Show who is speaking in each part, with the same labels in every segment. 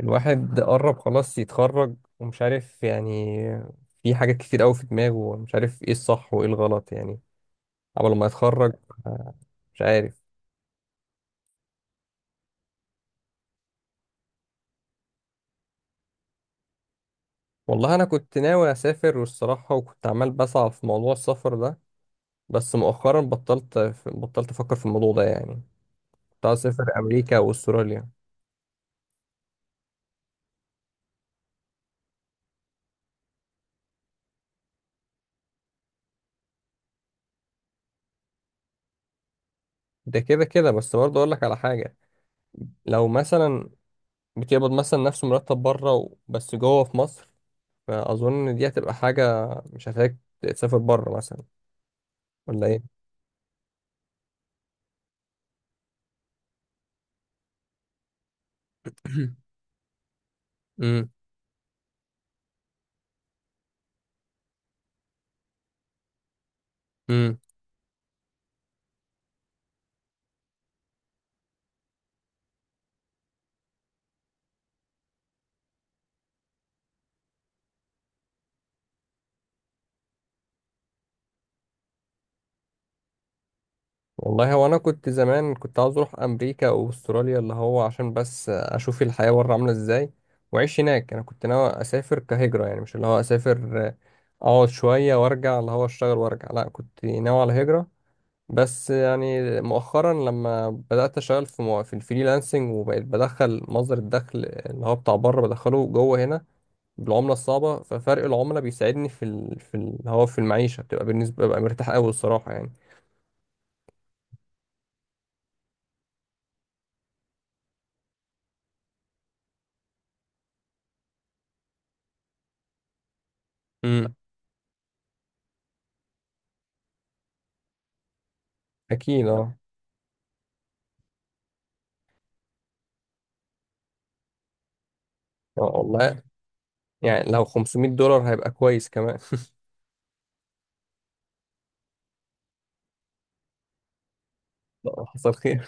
Speaker 1: الواحد قرب خلاص يتخرج ومش عارف يعني. في حاجات كتير قوي في دماغه ومش عارف ايه الصح وايه الغلط يعني قبل ما يتخرج. آه، مش عارف. والله انا كنت ناوي اسافر والصراحة، وكنت عمال بسعى في موضوع السفر ده، بس مؤخرا بطلت افكر في الموضوع ده يعني. كنت عايز اسافر امريكا واستراليا. ده كده كده، بس برضه اقول لك على حاجة. لو مثلا بتقبض مثلا نفس مرتب بره بس جوه في مصر، فاظن دي هتبقى حاجة مش هتحتاج تسافر بره مثلا، ولا ايه؟ امم امم والله هو انا كنت زمان كنت عاوز اروح امريكا او استراليا، اللي هو عشان بس اشوف الحياة بره عاملة ازاي واعيش هناك. انا كنت ناوي اسافر كهجرة يعني، مش اللي هو اسافر، اقعد شوية وارجع، اللي هو اشتغل وارجع. لا، كنت ناوي على هجرة. بس يعني مؤخرا لما بدأت اشتغل في في الفريلانسنج وبقيت بدخل مصدر الدخل اللي هو بتاع بره بدخله جوه هنا بالعملة الصعبة، ففرق العملة بيساعدني هو في المعيشة بتبقى بالنسبة ببقى مرتاح أوي الصراحة يعني. امم أكيد أه. والله. يعني لو 500 دولار هيبقى كويس كمان. لا، حصل خير.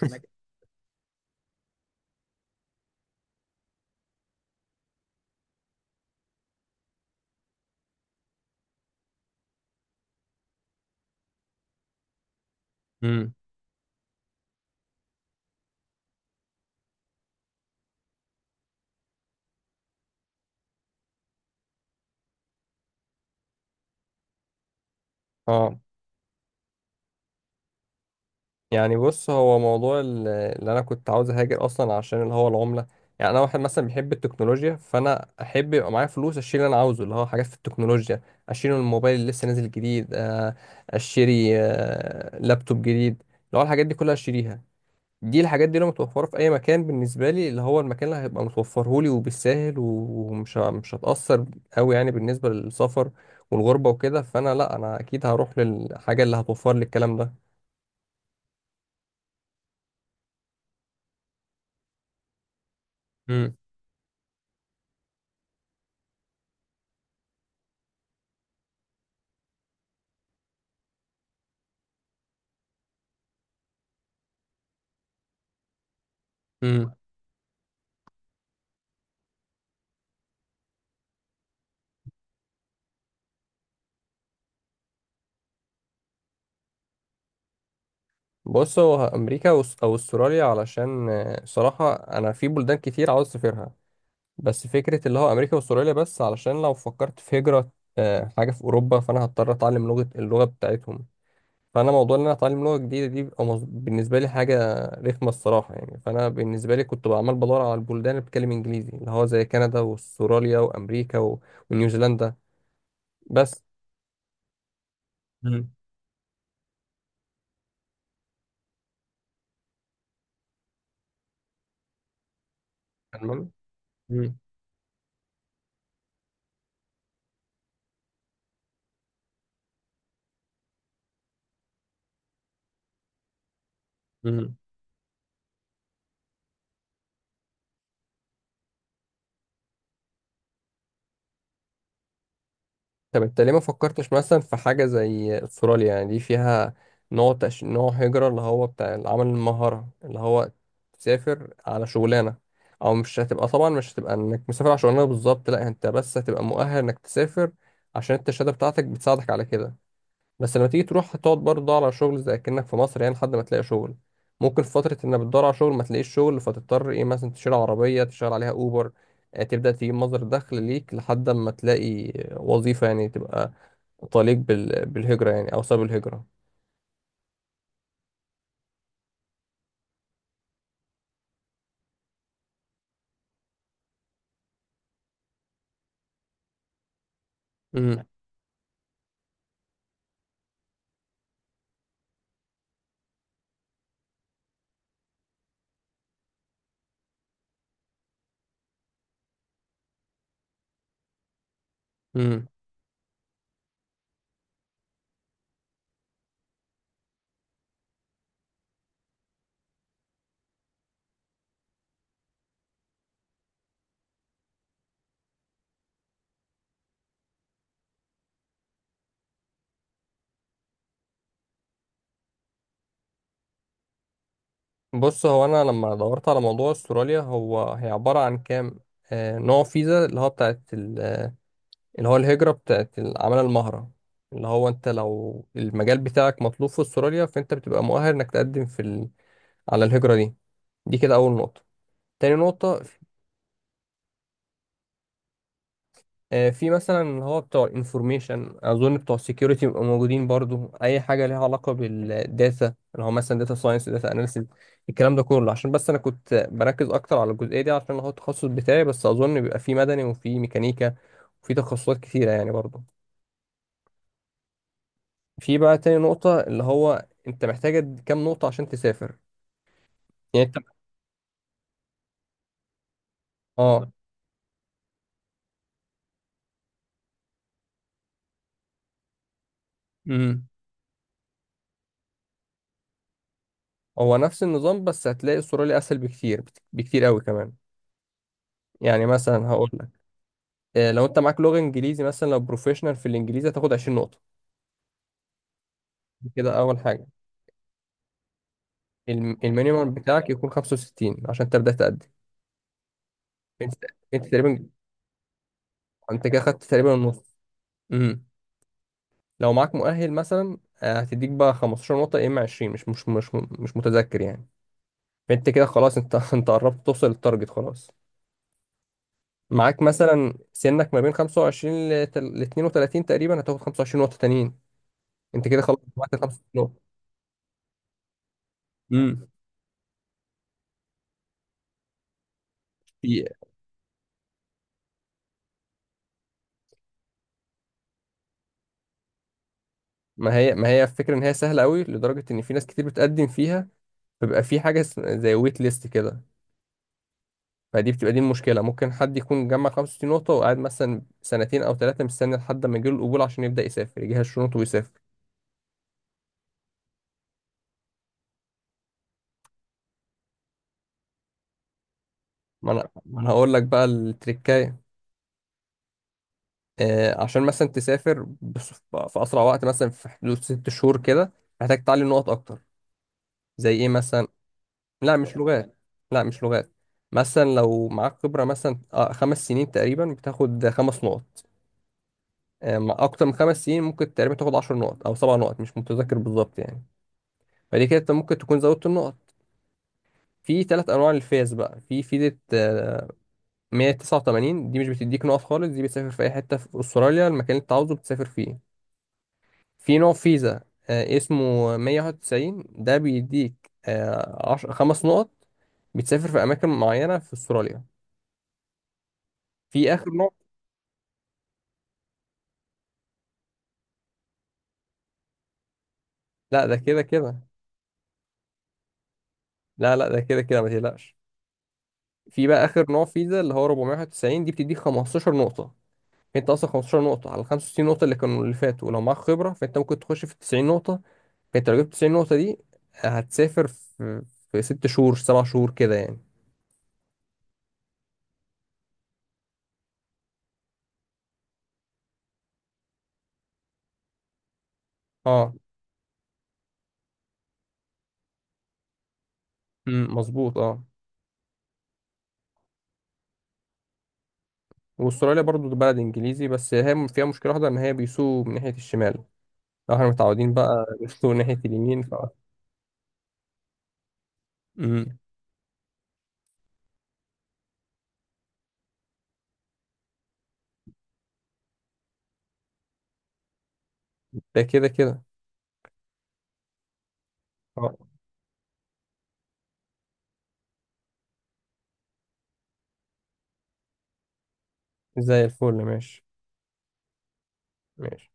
Speaker 1: امم أه. يعني بص، هو موضوع اللي أنا كنت عاوز أهاجر أصلا عشان اللي هو العملة. يعني أنا واحد مثلا بيحب التكنولوجيا، فأنا أحب يبقى معايا فلوس أشتري اللي أنا عاوزه، اللي هو حاجات في التكنولوجيا. أشتري الموبايل اللي لسه نازل جديد، أشتري لابتوب جديد، اللي هو الحاجات دي كلها أشتريها. دي الحاجات دي لو متوفرة في أي مكان بالنسبة لي، اللي هو المكان اللي هيبقى متوفرهولي وبالساهل ومش ه- مش هتأثر أوي يعني بالنسبة للسفر والغربة وكده، فأنا لأ، أنا أكيد هروح للحاجة اللي هتوفر لي الكلام ده. امم امم بص هو أو أستراليا، علشان صراحة أنا في بلدان كتير عاوز أسافرها، بس فكرة اللي هو أمريكا وأستراليا بس علشان لو فكرت في هجرة، حاجة في أوروبا، فأنا هضطر أتعلم لغة اللغة بتاعتهم. فانا موضوع ان انا اتعلم لغه جديده دي بيبقى بالنسبه لي حاجه رخمه الصراحه يعني، فانا بالنسبه لي كنت عمال بدور على البلدان اللي بتتكلم انجليزي، اللي هو زي كندا واستراليا وامريكا ونيوزيلندا بس. مم. تمام. مم. مم. طب انت ليه ما فكرتش مثلا في حاجة زي استراليا؟ يعني دي فيها نوع هجرة اللي هو بتاع العمل المهارة، اللي هو تسافر على شغلانة، او مش هتبقى طبعا مش هتبقى انك مسافر على شغلانة بالظبط، لا انت بس هتبقى مؤهل انك تسافر عشان انت الشهادة بتاعتك بتساعدك على كده. بس لما تيجي تروح هتقعد برضه تدور على شغل زي كأنك في مصر يعني، لحد ما تلاقي شغل. ممكن في فترة انك بتدور على شغل ما تلاقيش شغل، فتضطر ايه مثلا تشيل عربية تشتغل عليها اوبر، تبدأ تجيب مصدر دخل ليك لحد ما تلاقي وظيفة، يعني تبقى طليق بالهجرة يعني او سبب الهجرة. امم امم بص هو انا لما دورت على موضوع استراليا، هو هي عبارة عن كام نوع فيزا، اللي هو بتاعت اللي هو الهجرة بتاعت العمالة المهرة، اللي هو انت لو المجال بتاعك مطلوب في استراليا فانت بتبقى مؤهل انك تقدم على الهجرة دي. دي كده اول نقطة. تاني نقطة، في مثلا اللي هو بتوع الانفورميشن، اظن بتوع السكيورتي بيبقوا موجودين برضو، اي حاجة ليها علاقة بالداتا، اللي هو مثلا داتا ساينس داتا اناليسيس، الكلام ده كله عشان بس انا كنت بركز اكتر على الجزئية دي عشان هو التخصص بتاعي، بس اظن بيبقى في مدني وفي ميكانيكا وفي تخصصات كتيرة يعني برضو. في بقى تاني نقطة، اللي هو انت محتاج كام نقطة عشان تسافر يعني انت. اه. امم هو نفس النظام، بس هتلاقي استراليا اسهل بكتير قوي كمان. يعني مثلا هقول لك، لو انت معاك لغة انجليزي مثلا، لو بروفيشنال في الانجليزي هتاخد 20 نقطة. دي كده اول حاجة. المينيمم بتاعك يكون 65 عشان تبدأ تقدم. انت انت تقريبا، انت كده خدت تقريبا النص. امم لو معاك مؤهل مثلا، هتديك بقى 15 نقطة يا اما 20، مش متذكر يعني. انت كده خلاص، انت انت قربت توصل للتارجت خلاص. معاك مثلا سنك ما بين 25 ل 32 تقريبا، هتاخد 25 نقطة تانيين. انت كده خلاص جمعت ال 25 نقطة. امم في، ما هي الفكرة ان هي سهلة قوي لدرجة ان في ناس كتير بتقدم فيها، بيبقى في زي ويت ليست كده. فدي بتبقى دي المشكلة، ممكن حد يكون جمع 65 نقطة وقاعد مثلا سنتين او ثلاثة مستني لحد ما يجيله القبول عشان يبدأ يسافر يجهز شنطه ويسافر. ما انا هقول لك بقى التريكاية. عشان مثلا تسافر في اسرع وقت مثلا، في حدود ست شهور كده، محتاج تعلي نقط اكتر. زي ايه مثلا؟ لا مش لغات. لا مش لغات. مثلا لو معاك خبرة مثلا خمس سنين تقريبا، بتاخد خمس نقط. مع اكتر من خمس سنين ممكن تقريبا تاخد عشر نقط او سبع نقط، مش متذكر بالظبط يعني. فدي كده انت ممكن تكون زودت النقط. في ثلاث انواع للفيز بقى. في فيزة 189، دي مش بتديك نقط خالص، دي بتسافر في اي حتة في استراليا، المكان اللي انت عاوزه بتسافر فيه. في نوع فيزا اسمه 191، ده بيديك خمس نقط، بتسافر في أماكن معينة في أستراليا. في آخر نوع. لا، ده كده كده. لا لا، ده كده كده ما تقلقش. في بقى آخر نوع فيزا اللي هو 491، دي بتديك 15 نقطة. فأنت أصلا 15 نقطة على 65 نقطة اللي كانوا اللي فاتوا، ولو معاك خبرة فأنت ممكن تخش في 90 نقطة. فأنت لو جبت 90 نقطة دي، هتسافر في في ست شهور سبع شهور كده يعني. اه. أمم، مظبوط اه. واستراليا برضو ده بلد انجليزي، بس هي فيها مشكله واحده ان هي بيسوقوا من ناحيه الشمال، لو احنا متعودين بقى بيسوقوا من ناحيه اليمين ف. مم. ده كده كده. اه، زي الفل. ماشي. ماشي.